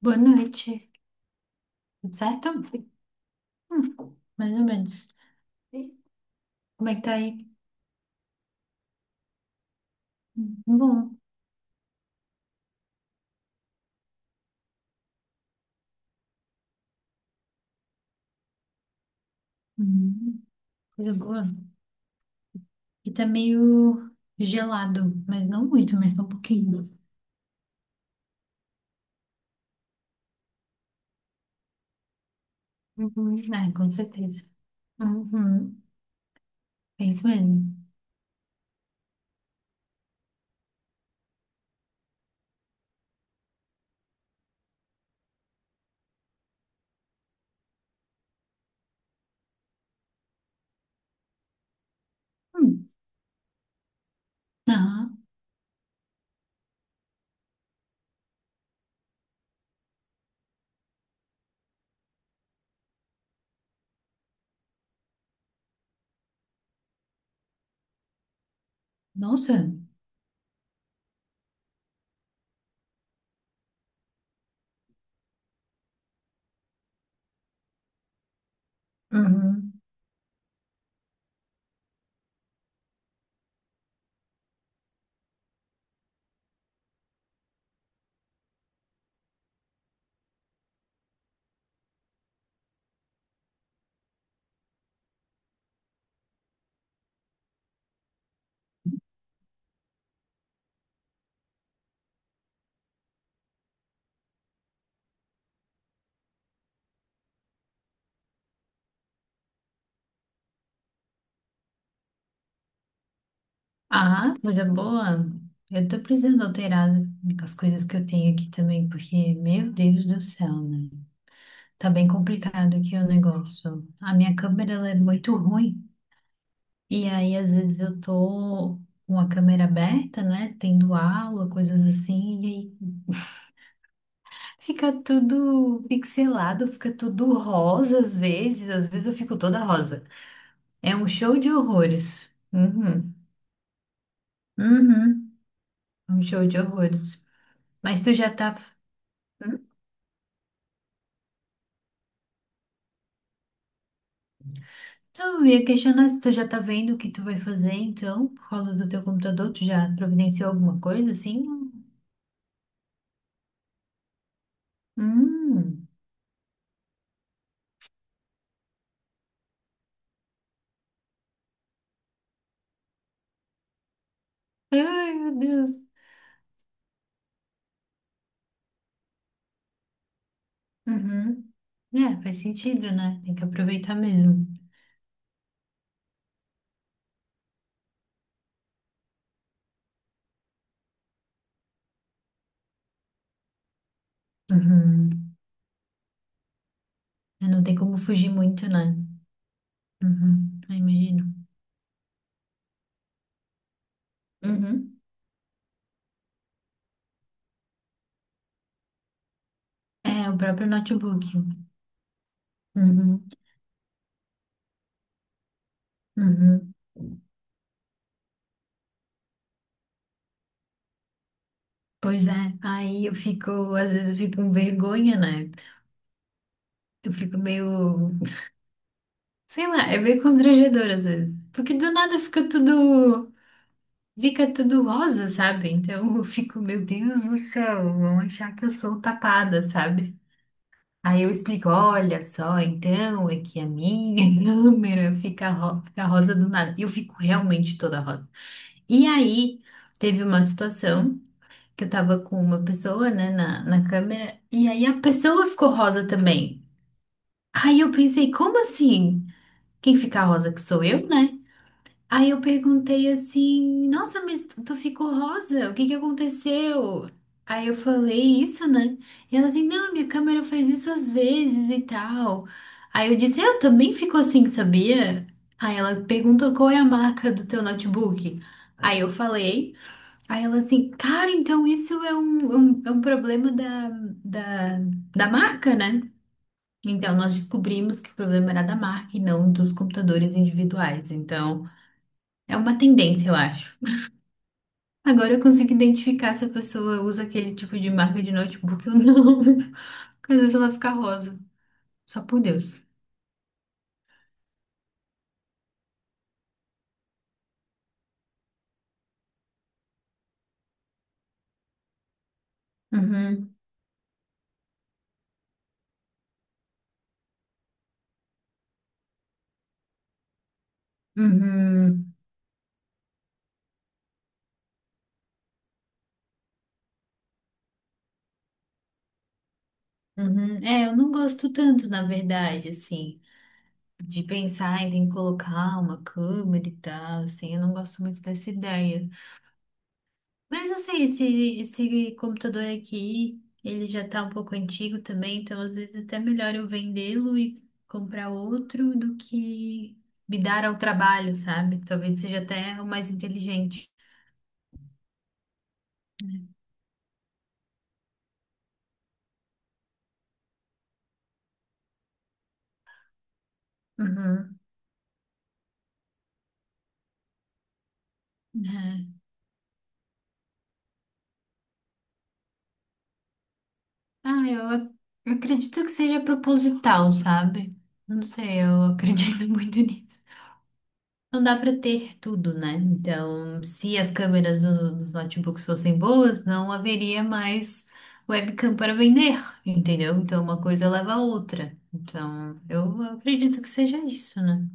Boa noite, tudo certo? Mais ou menos. E Como é que tá aí? Bom. Hum, coisa boa. E tá meio gelado, mas não muito, mas tá um pouquinho. Uhum. Ah, com certeza. Uhum. É isso mesmo. Hum. Ah, nossa. Uhum. Ah, coisa boa. Eu tô precisando alterar as coisas que eu tenho aqui também, porque, meu Deus do céu, né? Tá bem complicado aqui o negócio. A minha câmera ela é muito ruim. E aí, às vezes, eu tô com a câmera aberta, né? Tendo aula, coisas assim. E aí fica tudo pixelado, fica tudo rosa às vezes. Às vezes eu fico toda rosa. É um show de horrores. Uhum. Uhum. Um show de horrores. Mas tu já tá. Hum? Não, eu ia questionar se tu já tá vendo o que tu vai fazer, então, por causa do teu computador, tu já providenciou alguma coisa assim? Hum. Ai, meu Deus. Uhum. É, faz sentido, né? Tem que aproveitar mesmo. Uhum. É, não tem como fugir muito, né? Uhum. Eu imagino. Uhum. É, o próprio notebook. Uhum. Uhum. Pois é, aí eu fico, às vezes eu fico com vergonha, né? Eu fico meio, sei lá, é meio constrangedor às vezes. Porque do nada fica tudo, fica tudo rosa, sabe? Então eu fico, meu Deus do céu, vão achar que eu sou tapada, sabe? Aí eu explico, olha só, então é que a minha câmera fica, fica rosa do nada. E eu fico realmente toda rosa. E aí teve uma situação que eu tava com uma pessoa, né, na câmera, e aí a pessoa ficou rosa também. Aí eu pensei, como assim? Quem fica rosa que sou eu, né? Aí eu perguntei assim, nossa, mas tu ficou rosa? O que que aconteceu? Aí eu falei isso, né? E ela assim, não, minha câmera faz isso às vezes e tal. Aí eu disse, eu também fico assim, sabia? Aí ela perguntou qual é a marca do teu notebook. Aí eu falei, aí ela assim, cara, então isso é um problema da, da marca, né? Então nós descobrimos que o problema era da marca e não dos computadores individuais. Então. É uma tendência, eu acho. Agora eu consigo identificar se a pessoa usa aquele tipo de marca de notebook ou não. Porque às vezes ela fica rosa. Só por Deus. Uhum, uhum, uhum. É, eu não gosto tanto, na verdade, assim, de pensar em ter que colocar uma câmera e tal, assim, eu não gosto muito dessa ideia. Mas não sei, esse computador aqui, ele já tá um pouco antigo também, então às vezes até melhor eu vendê-lo e comprar outro do que me dar ao trabalho, sabe? Talvez seja até o mais inteligente. Uhum. É. Ah, eu acredito que seja proposital, sabe? Não sei, eu acredito muito nisso. Não dá para ter tudo, né? Então, se as câmeras dos notebooks fossem boas, não haveria mais webcam para vender, entendeu? Então, uma coisa leva a outra. Então, eu acredito que seja isso, né?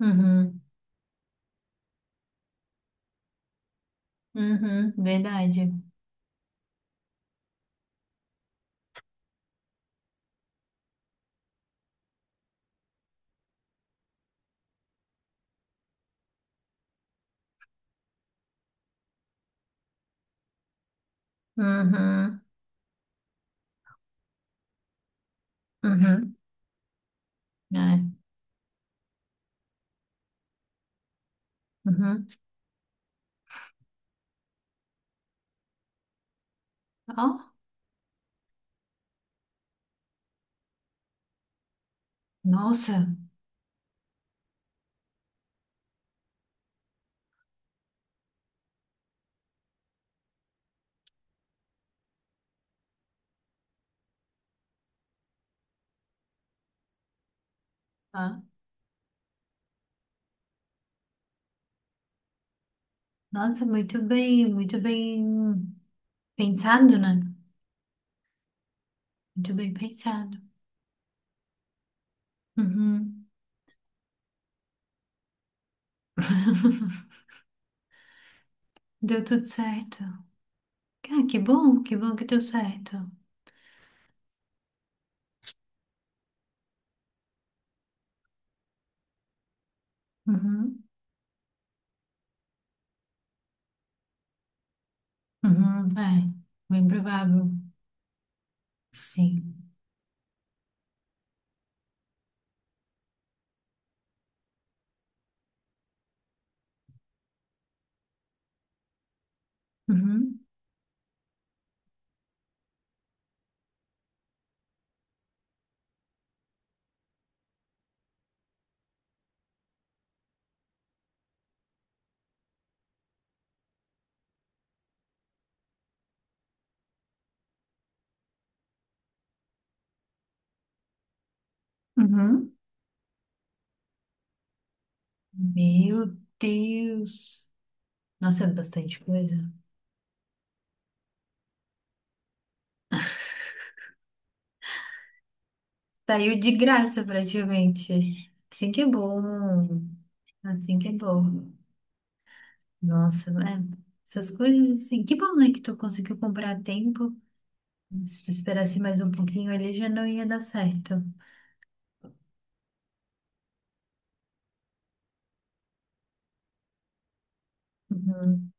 Uhum, uhum, verdade. Uhum, uhum, né? Uhum. Ó, nossa, ah, nossa, muito bem pensado, né? Muito bem pensado. Uhum. Deu tudo certo. Ah, que bom, que bom que deu certo. Uhum, uhum, é, bem provável. Sim. Uhum, uhum. Meu Deus. Nossa, é bastante coisa. Saiu de graça praticamente. Assim que é bom. Assim que é bom. Nossa, é. Essas coisas assim. Que bom, né, que tu conseguiu comprar a tempo. Se tu esperasse mais um pouquinho ali, já não ia dar certo. Uhum.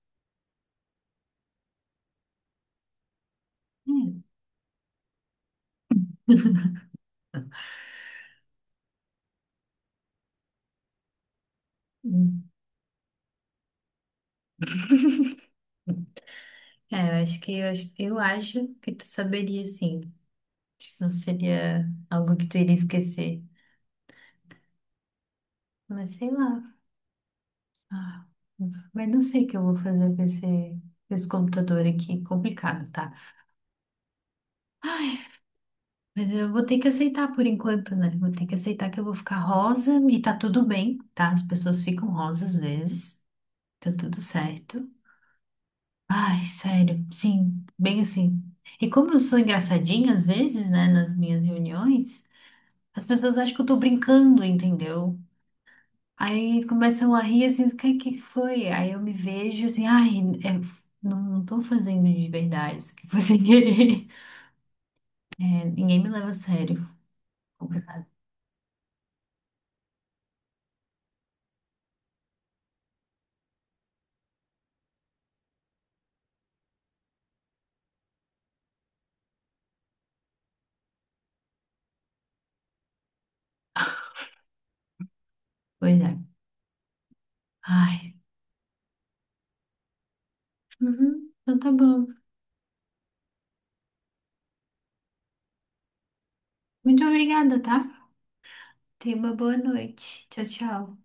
É. É, eu acho que tu saberia sim. Acho Não seria algo que tu iria esquecer. Mas sei lá. Ah, mas não sei o que eu vou fazer com esse computador aqui. Complicado, tá? Mas eu vou ter que aceitar por enquanto, né? Vou ter que aceitar que eu vou ficar rosa e tá tudo bem, tá? As pessoas ficam rosa às vezes. Tá tudo certo. Ai, sério, sim, bem assim. E como eu sou engraçadinha às vezes, né, nas minhas reuniões. As pessoas acham que eu tô brincando, entendeu? Aí começam a rir assim, o que, que foi? Aí eu me vejo assim, ai, é, não, não tô fazendo de verdade, isso aqui foi sem querer. É, ninguém me leva a sério. Complicado. Pois é. Ai. Uhum, então tá bom. Muito obrigada, tá? Tenha uma boa noite. Tchau, tchau.